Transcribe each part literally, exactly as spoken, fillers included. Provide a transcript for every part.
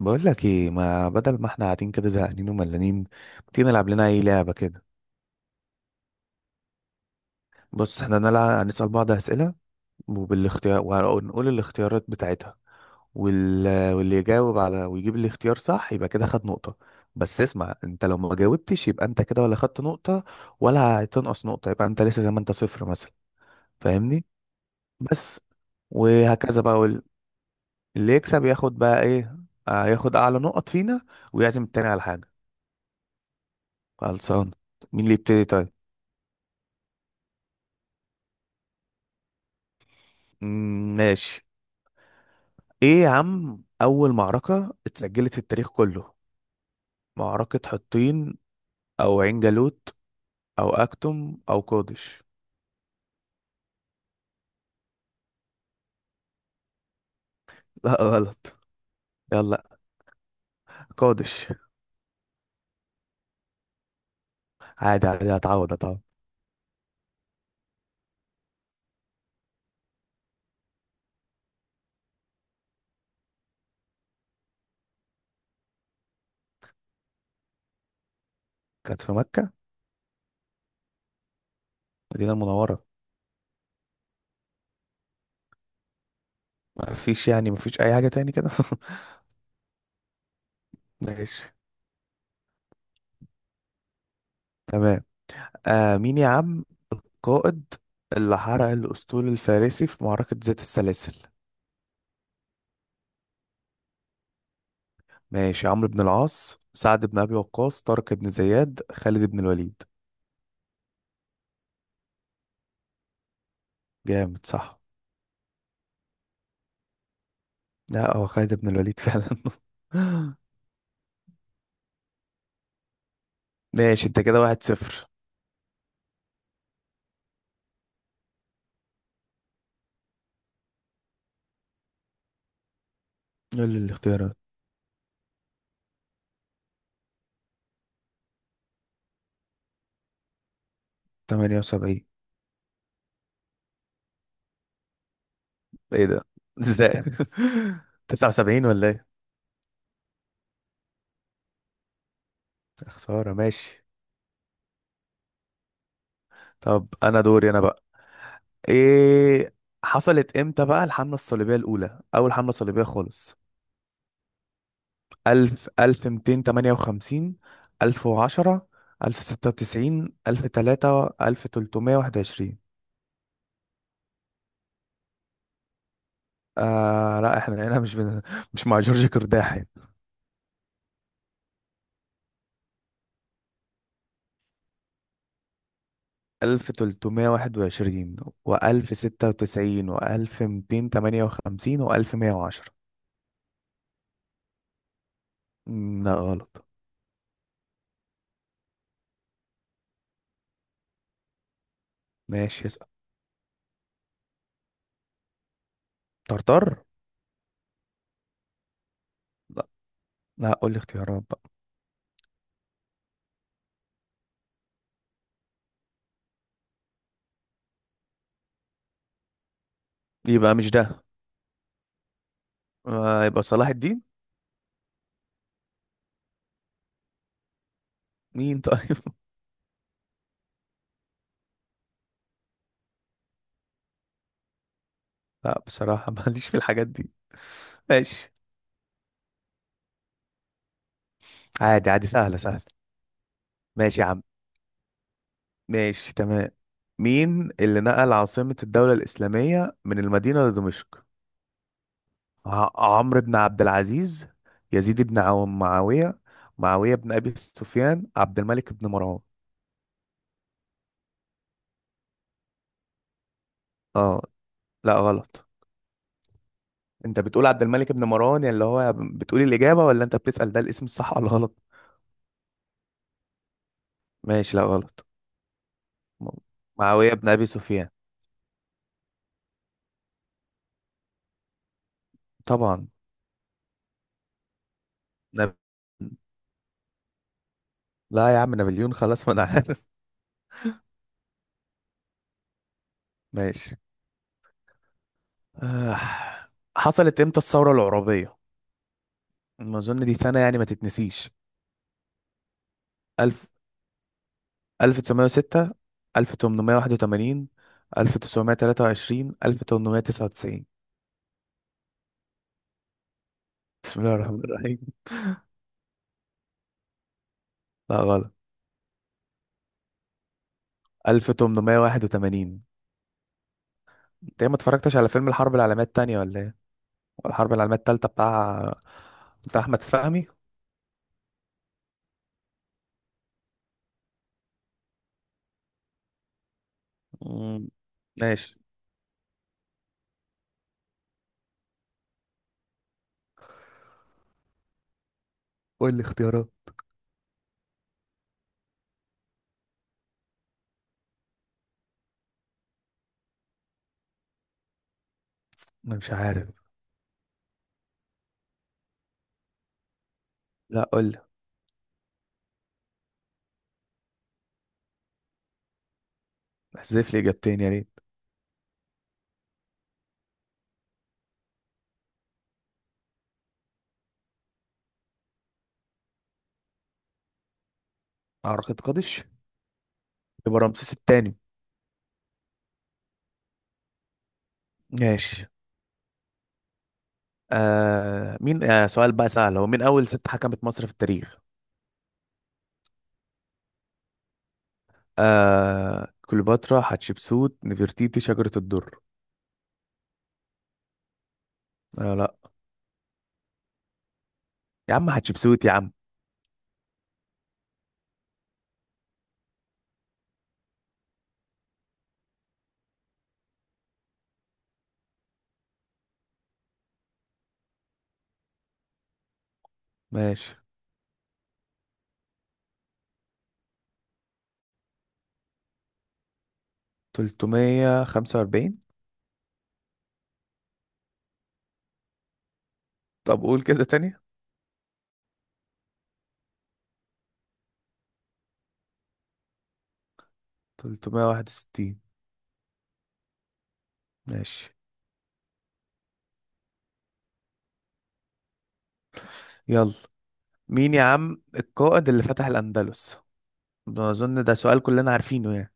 بقول لك ايه، ما بدل ما احنا قاعدين كده زهقانين وملانين، ما تيجي نلعب لنا اي لعبه كده؟ بص احنا نلعب، هنسال بعض اسئله وبالاختيار ونقول الاختيارات بتاعتها وال... واللي يجاوب على ويجيب الاختيار صح يبقى كده خد نقطه. بس اسمع، انت لو ما جاوبتش يبقى انت كده ولا خدت نقطه ولا هتنقص نقطه، يبقى انت لسه زي ما انت صفر مثلا. فاهمني. بس. وهكذا بقى وال- اللي يكسب ياخد بقى ايه. آه، ياخد اعلى نقط فينا ويعزم التاني على حاجه. خلصان. مين اللي يبتدي طيب؟ مم، ماشي. ايه يا عم، اول معركة اتسجلت في التاريخ كله؟ معركة حطين او عين جالوت او اكتم او قادش؟ لا غلط. يلا، قادش. عادي عادي، هتعوض هتعوض. كانت في مكة، مدينة منورة. مفيش، يعني مفيش اي حاجة تاني كده. ماشي، تمام. آه مين يا عم؟ قائد اللي حرق الاسطول الفارسي في معركة ذات السلاسل؟ ماشي، عمرو بن العاص، سعد بن ابي وقاص، طارق بن زياد، خالد بن الوليد. جامد، صح. لا، هو خالد بن الوليد فعلا. ماشي، انت كده واحد صفر. قول لي الاختيارات. تمانية وسبعين. ايه ده؟ ازاي؟ تسعة وسبعين ولا ايه؟ خسارة. ماشي، طب انا دوري انا بقى. ايه. حصلت امتى بقى الحملة الصليبية الأولى، أول حملة صليبية خالص؟ ألف ألف ميتين تمانية وخمسين، ألف وعشرة، ألف ستة وتسعين، ألف تلاتة ألف تلتمية واحد وعشرين. آه لا، احنا هنا مش بن... مش مع جورج كرداحي. ألف تلتمية واحد وعشرين، وألف ستة وتسعين، وألف ميتين تمانية وخمسين، وألف مية وعشرة. مم، لا غلط. ماشي، اسأل. طرطر. لا لا، قول لي اختيارات بقى. يبقى مش ده. آه، يبقى صلاح الدين. مين طيب؟ لا بصراحة ماليش في الحاجات دي. ماشي، عادي عادي، سهلة سهلة. ماشي يا عم. ماشي، تمام. مين اللي نقل عاصمة الدولة الإسلامية من المدينة لدمشق؟ ع- عمرو بن عبد العزيز، يزيد بن عو- معاوية، معاوية بن أبي سفيان، عبد الملك بن مروان. اه. لا غلط. انت بتقول عبد الملك بن مروان يعني اللي هو بتقول الإجابة، ولا انت بتسأل ده الاسم الصح ولا غلط؟ ماشي، لا غلط. م- معاوية بن أبي سفيان. طبعا. نب... لا يا عم، نابليون، خلاص ما انا عارف. ماشي. آه. حصلت امتى الثورة العرابية؟ ما اظن دي سنة يعني ما تتنسيش. ألف وتسعمائة وستة، ألف تمنمية واحد وتمانين، ألف تسعمية تلاتة وعشرين، ألف تمنمية تسعة وتسعين. بسم الله الرحمن الرحيم. لا غلط. ألف تمنمية واحد وتمانين. انت إيه، ما اتفرجتش على فيلم الحرب العالمية التانية ولا ايه؟ ولا الحرب العالمية التالتة بتاع، بتاع احمد فهمي. مم، ماشي. قول لي اختيارات. انا مش عارف. لا قول لي، احذف لي اجابتين يا ريت. اعتقد قادش. يبقى رمسيس التاني. ماشي. آه مين، آه سؤال بقى سهل، هو مين اول ست حكمت مصر في التاريخ؟ آه كليوباترا، حتشبسوت، نفرتيتي، شجرة الدر. آه لا. يا عم حتشبسوت يا عم. ماشي. تلتمية خمسة وأربعين. طب قول كده تاني. تلتمية واحد وستين. ماشي. يلا، مين يا عم القائد اللي فتح الأندلس؟ ده أظن ده سؤال كلنا عارفينه يعني.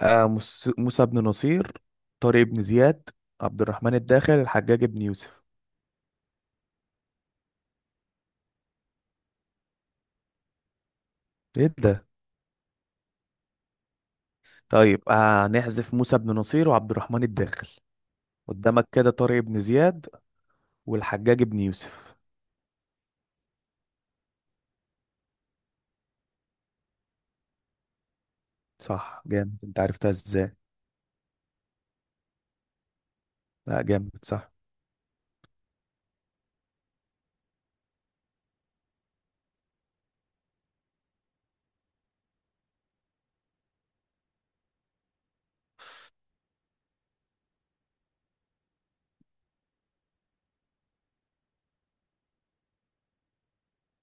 آه، مس- موسى بن نصير، طارق بن زياد، عبد الرحمن الداخل، الحجاج بن يوسف. ايه ده؟ طيب هنحذف. آه، نحذف موسى بن نصير وعبد الرحمن الداخل. قدامك كده طارق بن زياد والحجاج ابن يوسف. صح، جامد، انت عرفتها ازاي؟ لا جامد، صح.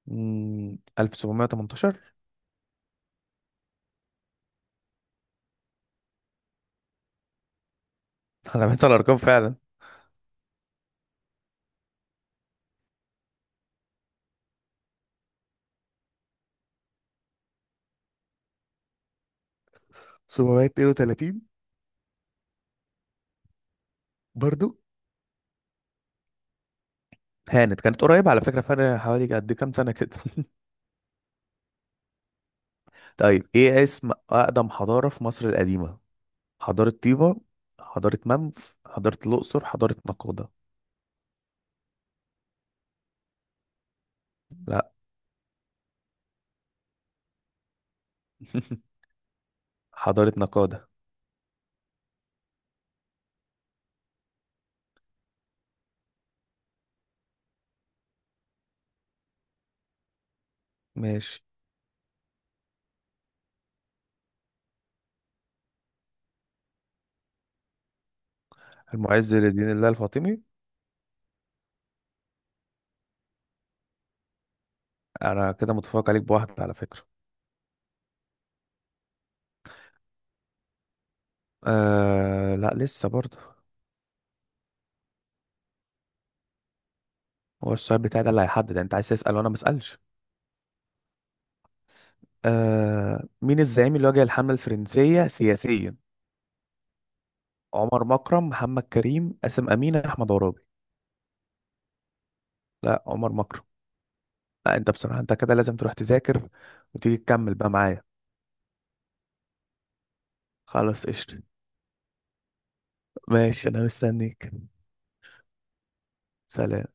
مم. ألف سبعمية تمنتاشر. انا بنسى الارقام فعلا. سبعمية اتنين وتلاتين. برضو هانت، كانت قريبة على فكرة، فرق حوالي قد كام سنة كده. طيب ايه اسم أقدم حضارة في مصر القديمة؟ حضارة طيبة، حضارة منف، حضارة الأقصر، حضارة نقادة. لا. حضارة نقادة. ماشي. المعز لدين الله الفاطمي. أنا كده متفوق عليك بواحدة على فكرة. آه لا، لسه برضه. هو السؤال بتاعي ده اللي هيحدد، يعني انت عايز تسأل وانا ما اسالش؟ آه مين الزعيم اللي واجه الحملة الفرنسية سياسيا؟ عمر مكرم، محمد كريم، قاسم أمين، أحمد عرابي. لا، عمر مكرم. لا انت بصراحة انت كده لازم تروح تذاكر وتيجي تكمل بقى معايا. خلاص، قشطة. ماشي، انا مستنيك. سلام.